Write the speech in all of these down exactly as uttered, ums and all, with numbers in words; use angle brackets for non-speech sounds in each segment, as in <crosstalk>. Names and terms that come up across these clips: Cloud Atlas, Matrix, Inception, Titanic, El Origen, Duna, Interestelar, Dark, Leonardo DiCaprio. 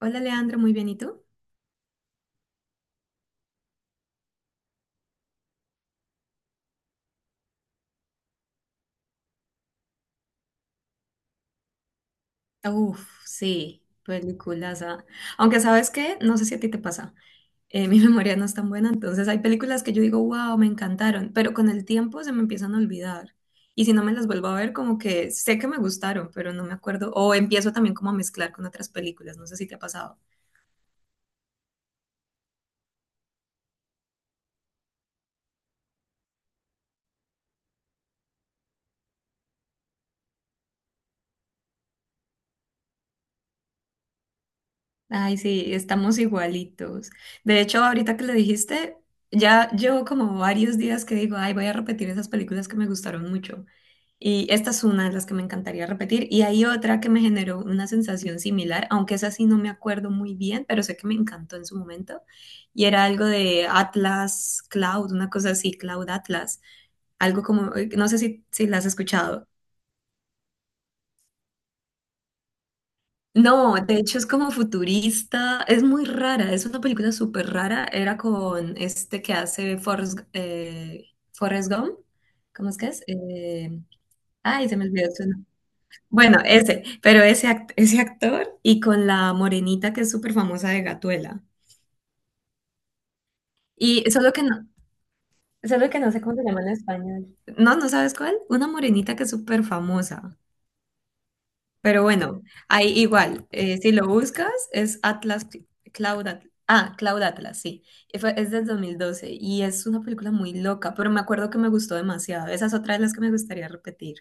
Hola Leandro, muy bien, ¿y tú? Uf, sí, películas. ah. Aunque sabes qué, no sé si a ti te pasa, eh, mi <laughs> memoria no es tan buena, entonces hay películas que yo digo, wow, me encantaron, pero con el tiempo se me empiezan a olvidar. Y si no me las vuelvo a ver, como que sé que me gustaron, pero no me acuerdo, o empiezo también como a mezclar con otras películas, no sé si te ha pasado. Ay, sí, estamos igualitos. De hecho, ahorita que le dijiste, ya llevo como varios días que digo, ay, voy a repetir esas películas que me gustaron mucho. Y esta es una de las que me encantaría repetir. Y hay otra que me generó una sensación similar, aunque esa sí no me acuerdo muy bien, pero sé que me encantó en su momento. Y era algo de Atlas Cloud, una cosa así, Cloud Atlas. Algo como, eh, no sé si, si la has escuchado. No, de hecho es como futurista, es muy rara, es una película súper rara. Era con este que hace Forrest, eh, Forrest Gump, ¿cómo es que es? Eh, ay, se me olvidó su nombre. Bueno, ese, pero ese, act- ese actor y con la morenita que es súper famosa de Gatuela. Y solo que no, solo que no sé cómo se llama en español. No, ¿no sabes cuál? Una morenita que es súper famosa. Pero bueno, ahí igual, eh, si lo buscas, es Atlas, Cl- Cloud Atlas. Ah, Cloud Atlas, sí. Y fue- Es del dos mil doce y es una película muy loca, pero me acuerdo que me gustó demasiado. Esa es otra de las que me gustaría repetir.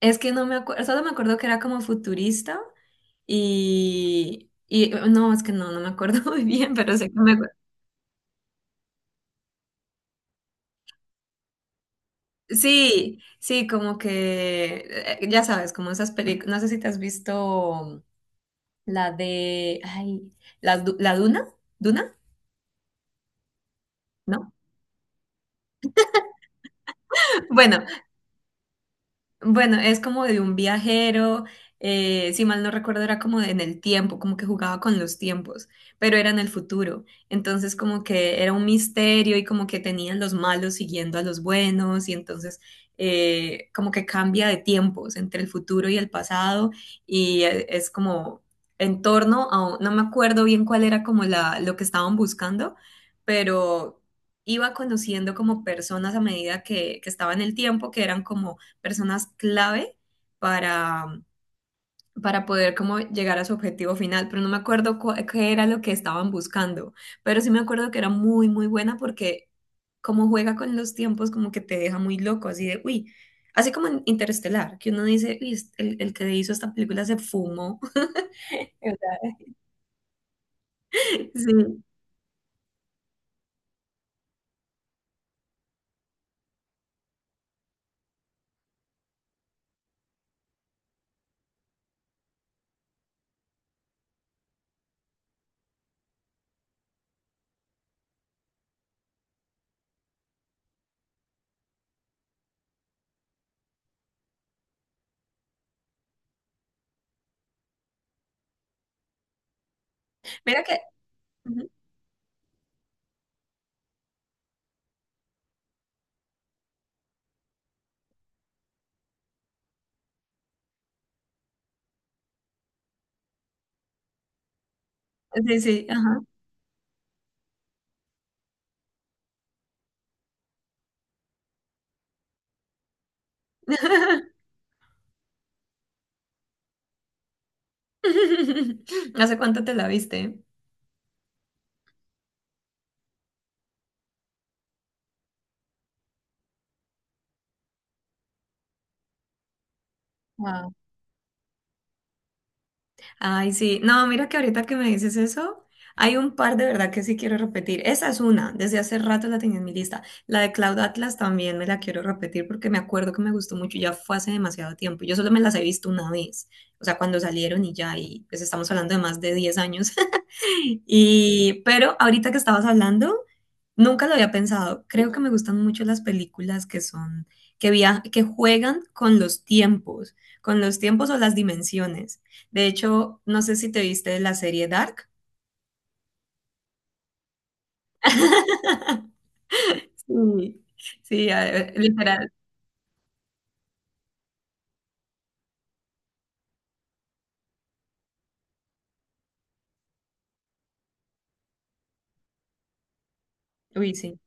Es que no me acuerdo, solo me acuerdo que era como futurista y, y eh, no, es que no, no me acuerdo <laughs> muy bien, pero sé que me... Sí, sí, como que, eh, ya sabes, como esas películas, no sé si te has visto la de, ay, la, Du- la Duna, ¿Duna? ¿No? Bueno, bueno, es como de un viajero, eh, si mal no recuerdo era como en el tiempo, como que jugaba con los tiempos, pero era en el futuro. Entonces como que era un misterio y como que tenían los malos siguiendo a los buenos y entonces eh, como que cambia de tiempos entre el futuro y el pasado y e- es como en torno a, un- no me acuerdo bien cuál era como la, lo que estaban buscando, pero iba conociendo como personas a medida que, que estaba en el tiempo que eran como personas clave para, para poder como llegar a su objetivo final, pero no me acuerdo cu- qué era lo que estaban buscando, pero sí me acuerdo que era muy, muy buena porque como juega con los tiempos, como que te deja muy loco, así de, uy, así como en Interestelar, que uno dice, uy, es- el, el que hizo esta película se fumó. <laughs> O sea, sí, mira que, ujú, sí, sí, ajá. <laughs> ¿Hace cuánto te la viste? Ay, sí. No, mira que ahorita que me dices eso, hay un par de verdad que sí quiero repetir. Esa es una, desde hace rato la tenía en mi lista. La de Cloud Atlas también me la quiero repetir porque me acuerdo que me gustó mucho, ya fue hace demasiado tiempo. Yo solo me las he visto una vez, o sea, cuando salieron y ya, y pues estamos hablando de más de diez años. <laughs> Y, pero ahorita que estabas hablando, nunca lo había pensado. Creo que me gustan mucho las películas que son, que via- que juegan con los tiempos, con los tiempos o las dimensiones. De hecho, no sé si te viste la serie Dark. <laughs> Sí, sí, a- eh, literal. Uy, sí.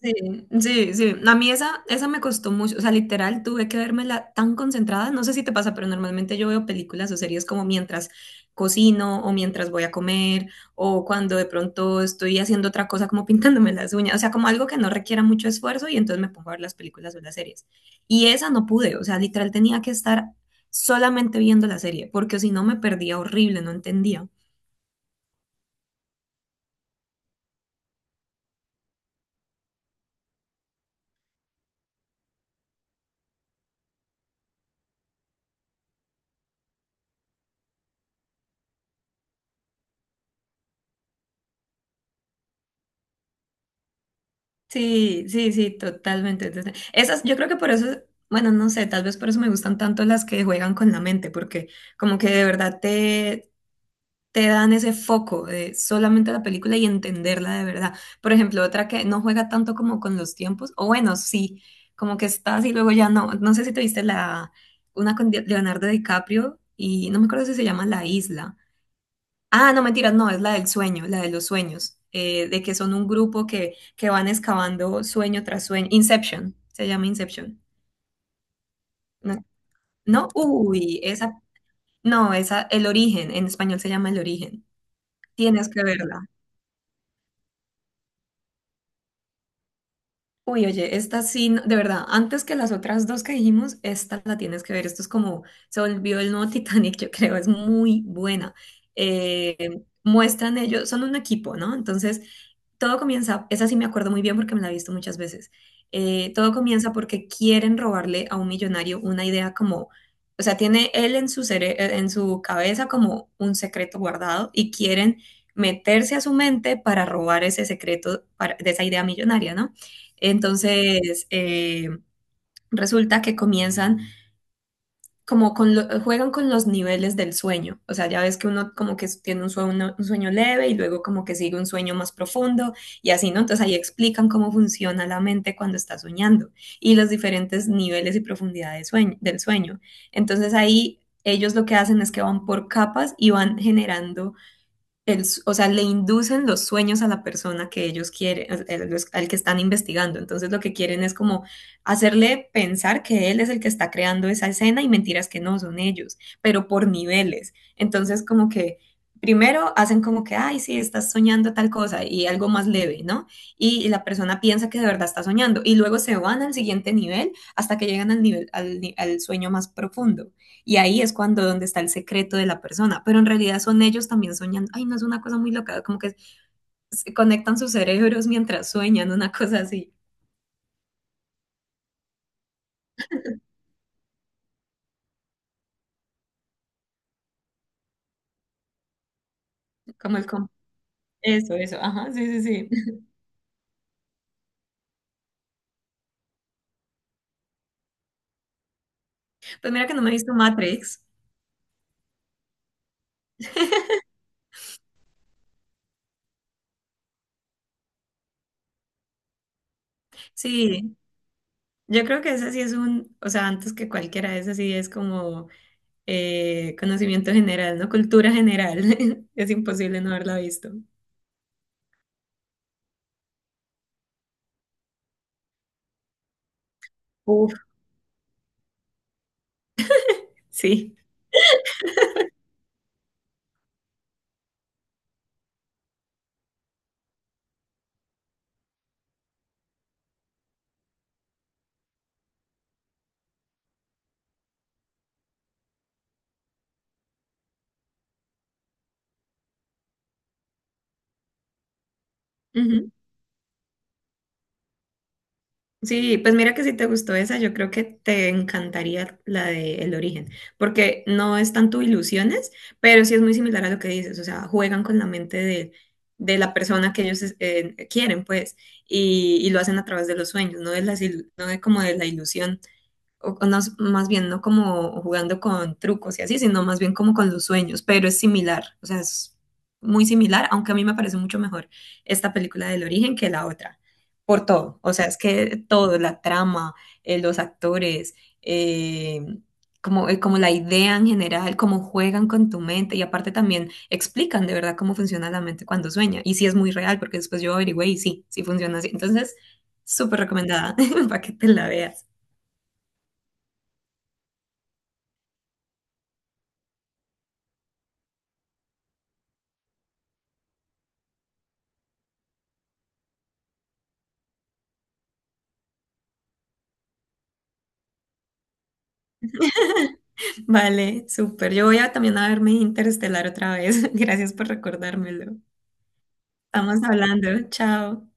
Sí, sí, sí. A mí esa, esa me costó mucho. O sea, literal, tuve que vérmela tan concentrada. No sé si te pasa, pero normalmente yo veo películas o series como mientras cocino o mientras voy a comer o cuando de pronto estoy haciendo otra cosa como <laughs> pintándome las uñas. O sea, como algo que no requiera mucho esfuerzo y entonces me pongo a ver las películas o las series. Y esa no pude. O sea, literal tenía que estar solamente viendo la serie porque si no me perdía horrible, no entendía. Sí, sí, sí, totalmente. Entonces, esas, yo creo que por eso, bueno, no sé, tal vez por eso me gustan tanto las que juegan con la mente, porque como que de verdad te, te dan ese foco de solamente la película y entenderla de verdad. Por ejemplo, otra que no juega tanto como con los tiempos, o bueno, sí, como que estás y luego ya no. No sé si te viste la, una con Di- Leonardo DiCaprio y no me acuerdo si se llama La Isla, ah, no, mentiras, no, es la del sueño, la de los sueños, eh, de que son un grupo que, que van excavando sueño tras sueño. Inception, se llama Inception. No, no, uy, esa, no, esa, El Origen, en español se llama El Origen. Tienes que verla. Uy, oye, esta sí, no- de verdad, antes que las otras dos que dijimos, esta la tienes que ver. Esto es como, se volvió el nuevo <laughs> Titanic, yo creo, es muy buena. Eh, muestran ellos, son un equipo, ¿no? Entonces, todo comienza, esa sí me acuerdo muy bien porque me la he visto muchas veces. Eh, todo comienza porque quieren robarle a un millonario una idea como, o sea, tiene él en su cere- eh, en su cabeza como un secreto guardado y quieren meterse a su mente para robar ese secreto para- de esa idea millonaria, ¿no? Entonces, eh, resulta que comienzan como con lo- juegan con los niveles del sueño. O sea, ya ves que uno como que tiene un sueño, un sueño leve y luego como que sigue un sueño más profundo y así, ¿no? Entonces ahí explican cómo funciona la mente cuando está soñando y los diferentes niveles y profundidades de sueño- del sueño. Entonces ahí ellos lo que hacen es que van por capas y van generando el o sea, le inducen los sueños a la persona que ellos quieren, al, al- al que están investigando. Entonces lo que quieren es como hacerle pensar que él es el que está creando esa escena y mentiras que no son ellos, pero por niveles. Entonces como que primero hacen como que, ay, sí, estás soñando tal cosa y algo más leve, ¿no? Y, la persona piensa que de verdad está soñando y luego se van al siguiente nivel hasta que llegan al nivel, al ni- al sueño más profundo. Y ahí es cuando donde está el secreto de la persona, pero en realidad son ellos también soñando. Ay, no es una cosa muy loca, como que se conectan sus cerebros mientras sueñan, una cosa así, como el... com- eso, eso, ajá, sí, sí, sí. Pues mira que no me he visto Matrix. Sí, yo creo que ese sí es un, o sea, antes que cualquiera, ese sí es como eh, conocimiento general, ¿no? Cultura general. <laughs> Es imposible no haberla visto. Uf, sí. Sí, pues mira que si te gustó esa, yo creo que te encantaría la de El Origen, porque no es tanto ilusiones, pero sí es muy similar a lo que dices, o sea, juegan con la mente de, de la persona que ellos eh, quieren, pues, y, y lo hacen a través de los sueños, no de las, ilu- no de como de la ilusión o o no, más bien no como jugando con trucos y así, sino más bien como con los sueños, pero es similar, o sea, es muy similar, aunque a mí me parece mucho mejor esta película del origen que la otra, por todo, o sea, es que todo, la trama, eh, los actores, eh, como, eh, como la idea en general, cómo juegan con tu mente y aparte también explican de verdad cómo funciona la mente cuando sueña y sí es muy real, porque después yo averigüé y sí, sí funciona así, entonces, súper recomendada <laughs> para que te la veas. Vale, súper. Yo voy a también a verme Interestelar otra vez. <laughs> Gracias por recordármelo. Estamos hablando. Chao.